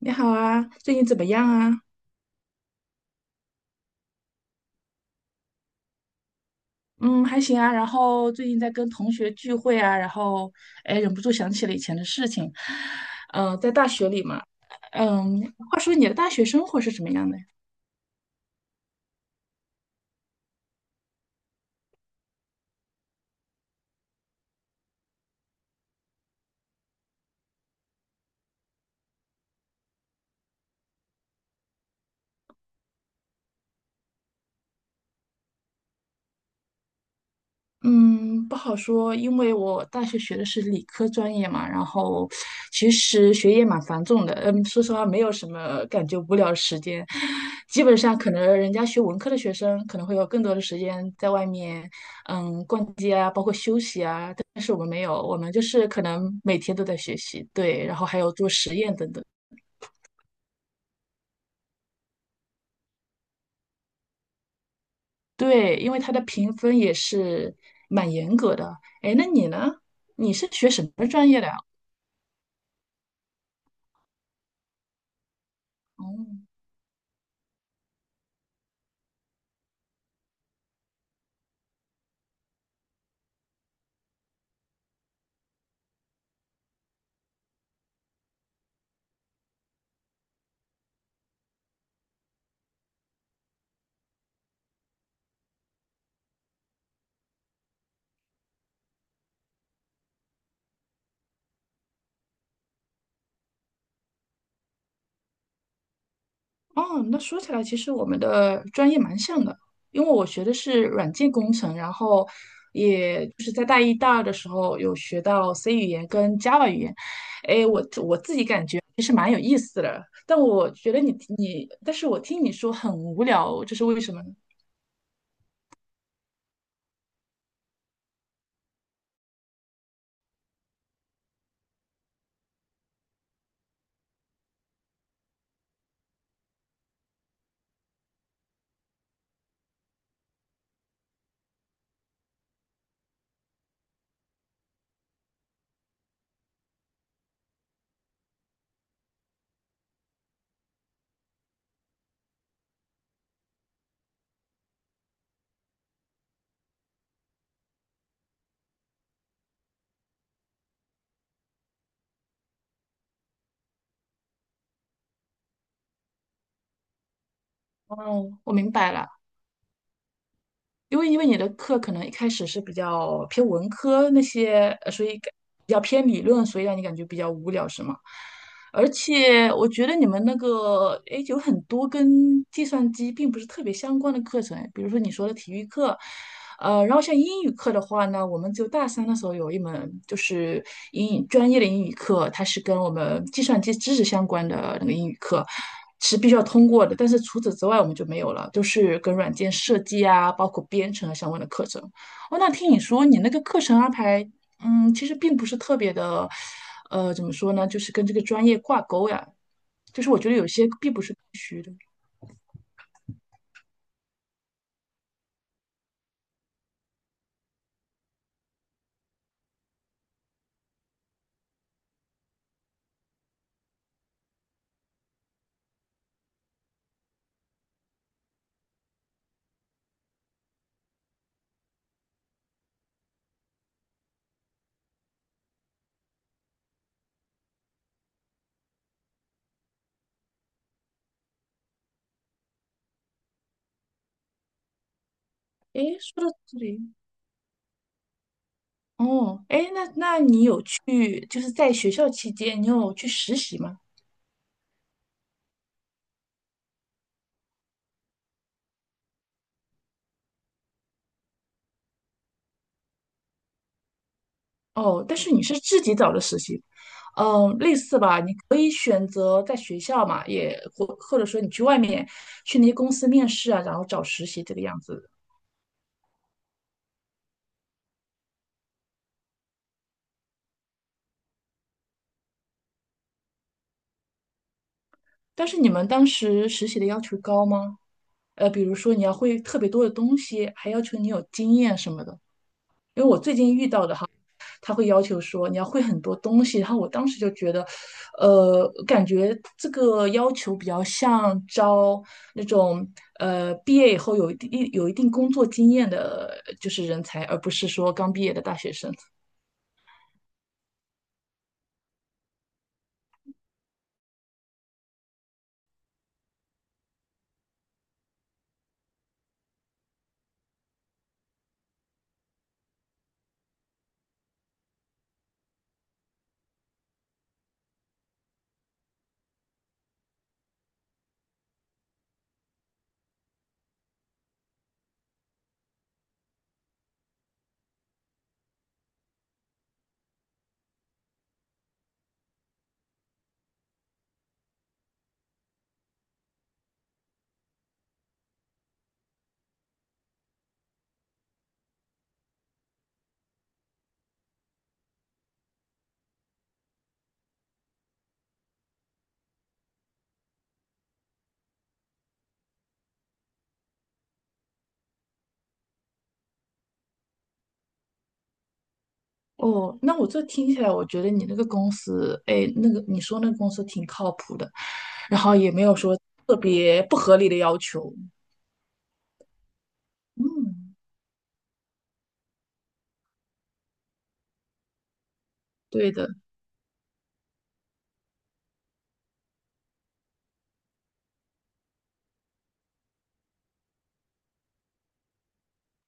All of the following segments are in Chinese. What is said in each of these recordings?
你好啊，最近怎么样啊？嗯，还行啊。然后最近在跟同学聚会啊，然后哎，忍不住想起了以前的事情。在大学里嘛，嗯，话说你的大学生活是什么样的？嗯，不好说，因为我大学学的是理科专业嘛，然后其实学业蛮繁重的，嗯，说实话没有什么感觉无聊的时间，基本上可能人家学文科的学生可能会有更多的时间在外面，嗯，逛街啊，包括休息啊，但是我们没有，我们就是可能每天都在学习，对，然后还有做实验等等，对，因为它的评分也是蛮严格的。哎，那你呢？你是学什么专业的啊？哦。哦，那说起来，其实我们的专业蛮像的，因为我学的是软件工程，然后也就是在大一、大二的时候有学到 C 语言跟 Java 语言，但我觉得你但是我听你说很无聊，这是为什么呢？哦，我明白了，因为你的课可能一开始是比较偏文科那些，所以感比较偏理论，所以让你感觉比较无聊，是吗？而且我觉得你们那个，诶，有很多跟计算机并不是特别相关的课程，比如说你说的体育课，呃，然后像英语课的话呢，我们就大三的时候有一门就是英语专业的英语课，它是跟我们计算机知识相关的那个英语课。是必须要通过的，但是除此之外我们就没有了，就是跟软件设计啊，包括编程啊相关的课程。哦，那听你说你那个课程安排嗯，其实并不是特别的，呃，怎么说呢，就是跟这个专业挂钩呀。就是我觉得有些并不是。诶，说到这里，哦，诶，那你有去，就是在学校期间，你有去实习吗？哦，但是你是自己找的实习，嗯，类似吧，你可以选择在学校嘛，也或者说你去外面去那些公司面试啊，然后找实习这个样子。但是你们当时实习的要求高吗？呃，比如说你要会特别多的东西，还要求你有经验什么的。因为我最近遇到的哈，他会要求说你要会很多东西，然后我当时就觉得，呃，感觉这个要求比较像招那种呃毕业以后有一定工作经验的，就是人才，而不是说刚毕业的大学生。哦，那我这听起来，我觉得你那个公司，哎，那个你说那个公司挺靠谱的，然后也没有说特别不合理的要求。嗯，对的，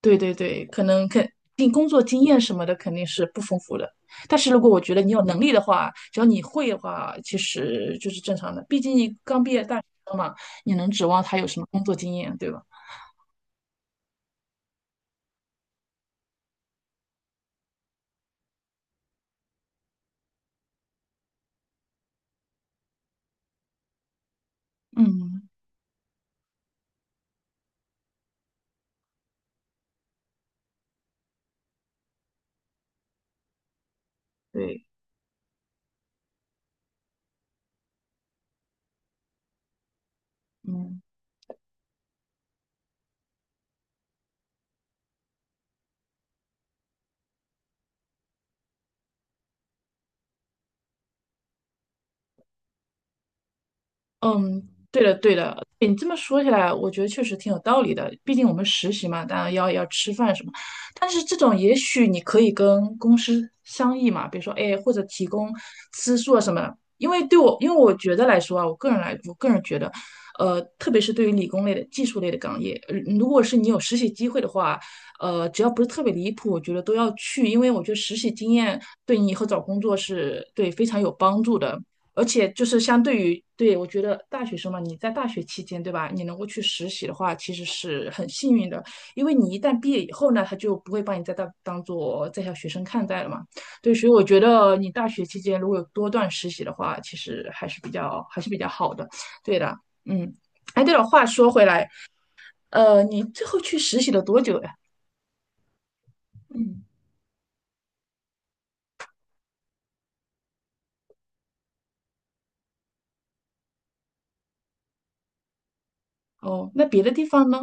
对对对，可能肯定工作经验什么的肯定是不丰富的，但是如果我觉得你有能力的话，只要你会的话，其实就是正常的，毕竟你刚毕业大学生嘛，你能指望他有什么工作经验，对吧？嗯，对，嗯。嗯，对的，对的，你这么说起来，我觉得确实挺有道理的。毕竟我们实习嘛，当然要吃饭什么。但是这种，也许你可以跟公司商议嘛，比如说，哎，或者提供吃宿啊什么的。因为我觉得来说啊，我个人觉得，呃，特别是对于理工类的、技术类的岗业，呃如果是你有实习机会的话，呃，只要不是特别离谱，我觉得都要去，因为我觉得实习经验对你以后找工作是对非常有帮助的。而且就是相对于，对，我觉得大学生嘛，你在大学期间，对吧？你能够去实习的话，其实是很幸运的，因为你一旦毕业以后呢，他就不会把你再当做在校学生看待了嘛。对，所以我觉得你大学期间如果有多段实习的话，其实还是比较好的。对的，嗯。哎，对了，话说回来，呃，你最后去实习了多久呀？嗯。哦，那别的地方呢？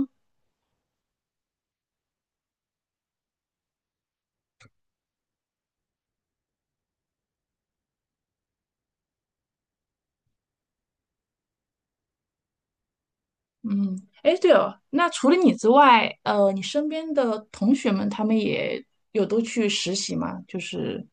嗯，哎，对哦，那除了你之外，呃，你身边的同学们，他们也有都去实习吗？就是，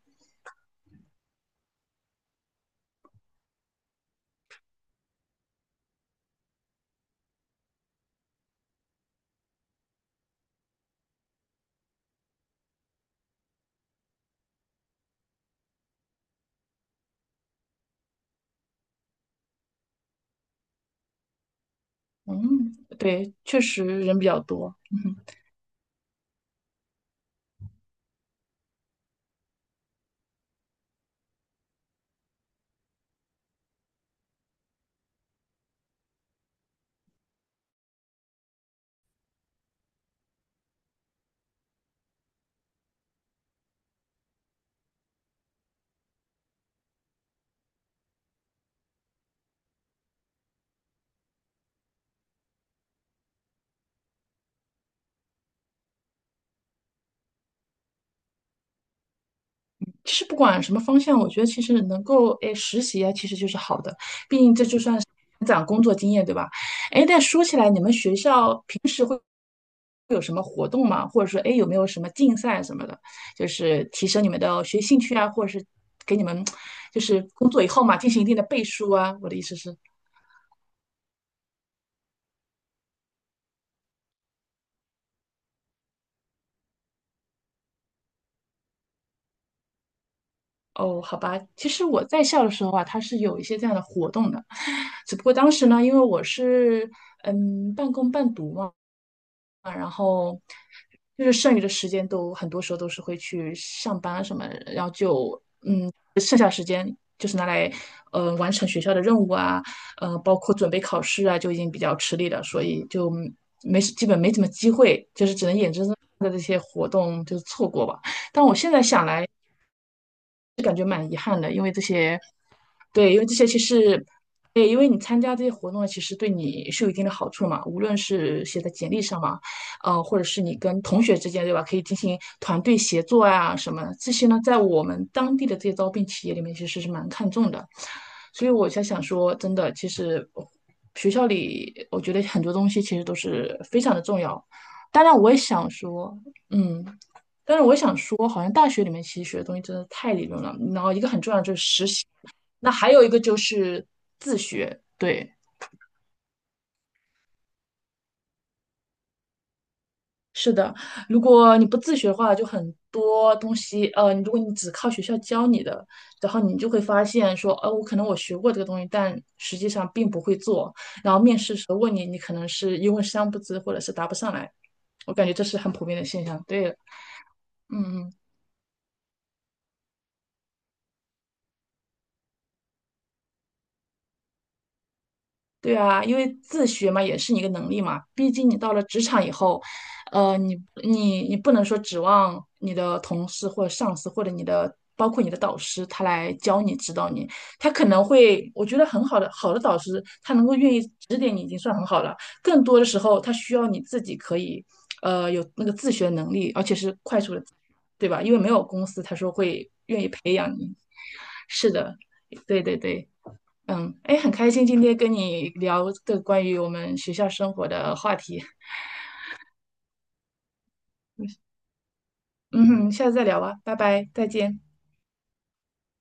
嗯，对，确实人比较多。嗯，其实不管什么方向，我觉得其实能够哎实习啊，其实就是好的，毕竟这就算是长工作经验，对吧？哎，但说起来，你们学校平时有什么活动吗？或者说，哎，有没有什么竞赛什么的，就是提升你们的学习兴趣啊，或者是给你们就是工作以后嘛，进行一定的背书啊？我的意思是。哦，好吧，其实我在校的时候啊，它是有一些这样的活动的，只不过当时呢，因为我是嗯半工半读嘛，啊，然后就是剩余的时间都很多时候都是会去上班啊什么，然后就就是拿来完成学校的任务啊，呃，包括准备考试啊，就已经比较吃力了，所以就没基本没怎么机会，就是只能眼睁睁的这些活动就错过吧。但我现在想来。对，因为这些其实，对，因为你参加这些活动，其实对你是有一定的好处嘛，无论是写在简历上嘛，呃，或者是你跟同学之间，对吧？可以进行团队协作啊，什么这些呢，在我们当地的这些招聘企业里面，其实是蛮看重的。所以我才想说，真的，其实学校里，我觉得很多东西其实都是非常的重要。当然，我也想说，嗯，但是我也想说，好像大学里面其实学的东西真的太理论了，然后一个很重要的就是实习。那还有一个就是自学，对，是的，如果你不自学的话，就很多东西，呃，如果你只靠学校教你的，然后你就会发现说，呃，我可能我学过这个东西，但实际上并不会做，然后面试时候问你，你可能是一问三不知，或者是答不上来，我感觉这是很普遍的现象，对，嗯嗯。对啊，因为自学嘛，也是你一个能力嘛。毕竟你到了职场以后，呃，你不能说指望你的同事或者上司或者你的包括你的导师他来教你指导你，他可能会，我觉得很好的导师，他能够愿意指点你已经算很好了。更多的时候，他需要你自己可以，呃，有那个自学能力，而且是快速的，对吧？因为没有公司他说会愿意培养你。是的，对对对。嗯，哎，很开心今天跟你聊这个关于我们学校生活的话题。嗯哼，下次再聊吧，拜拜，再见。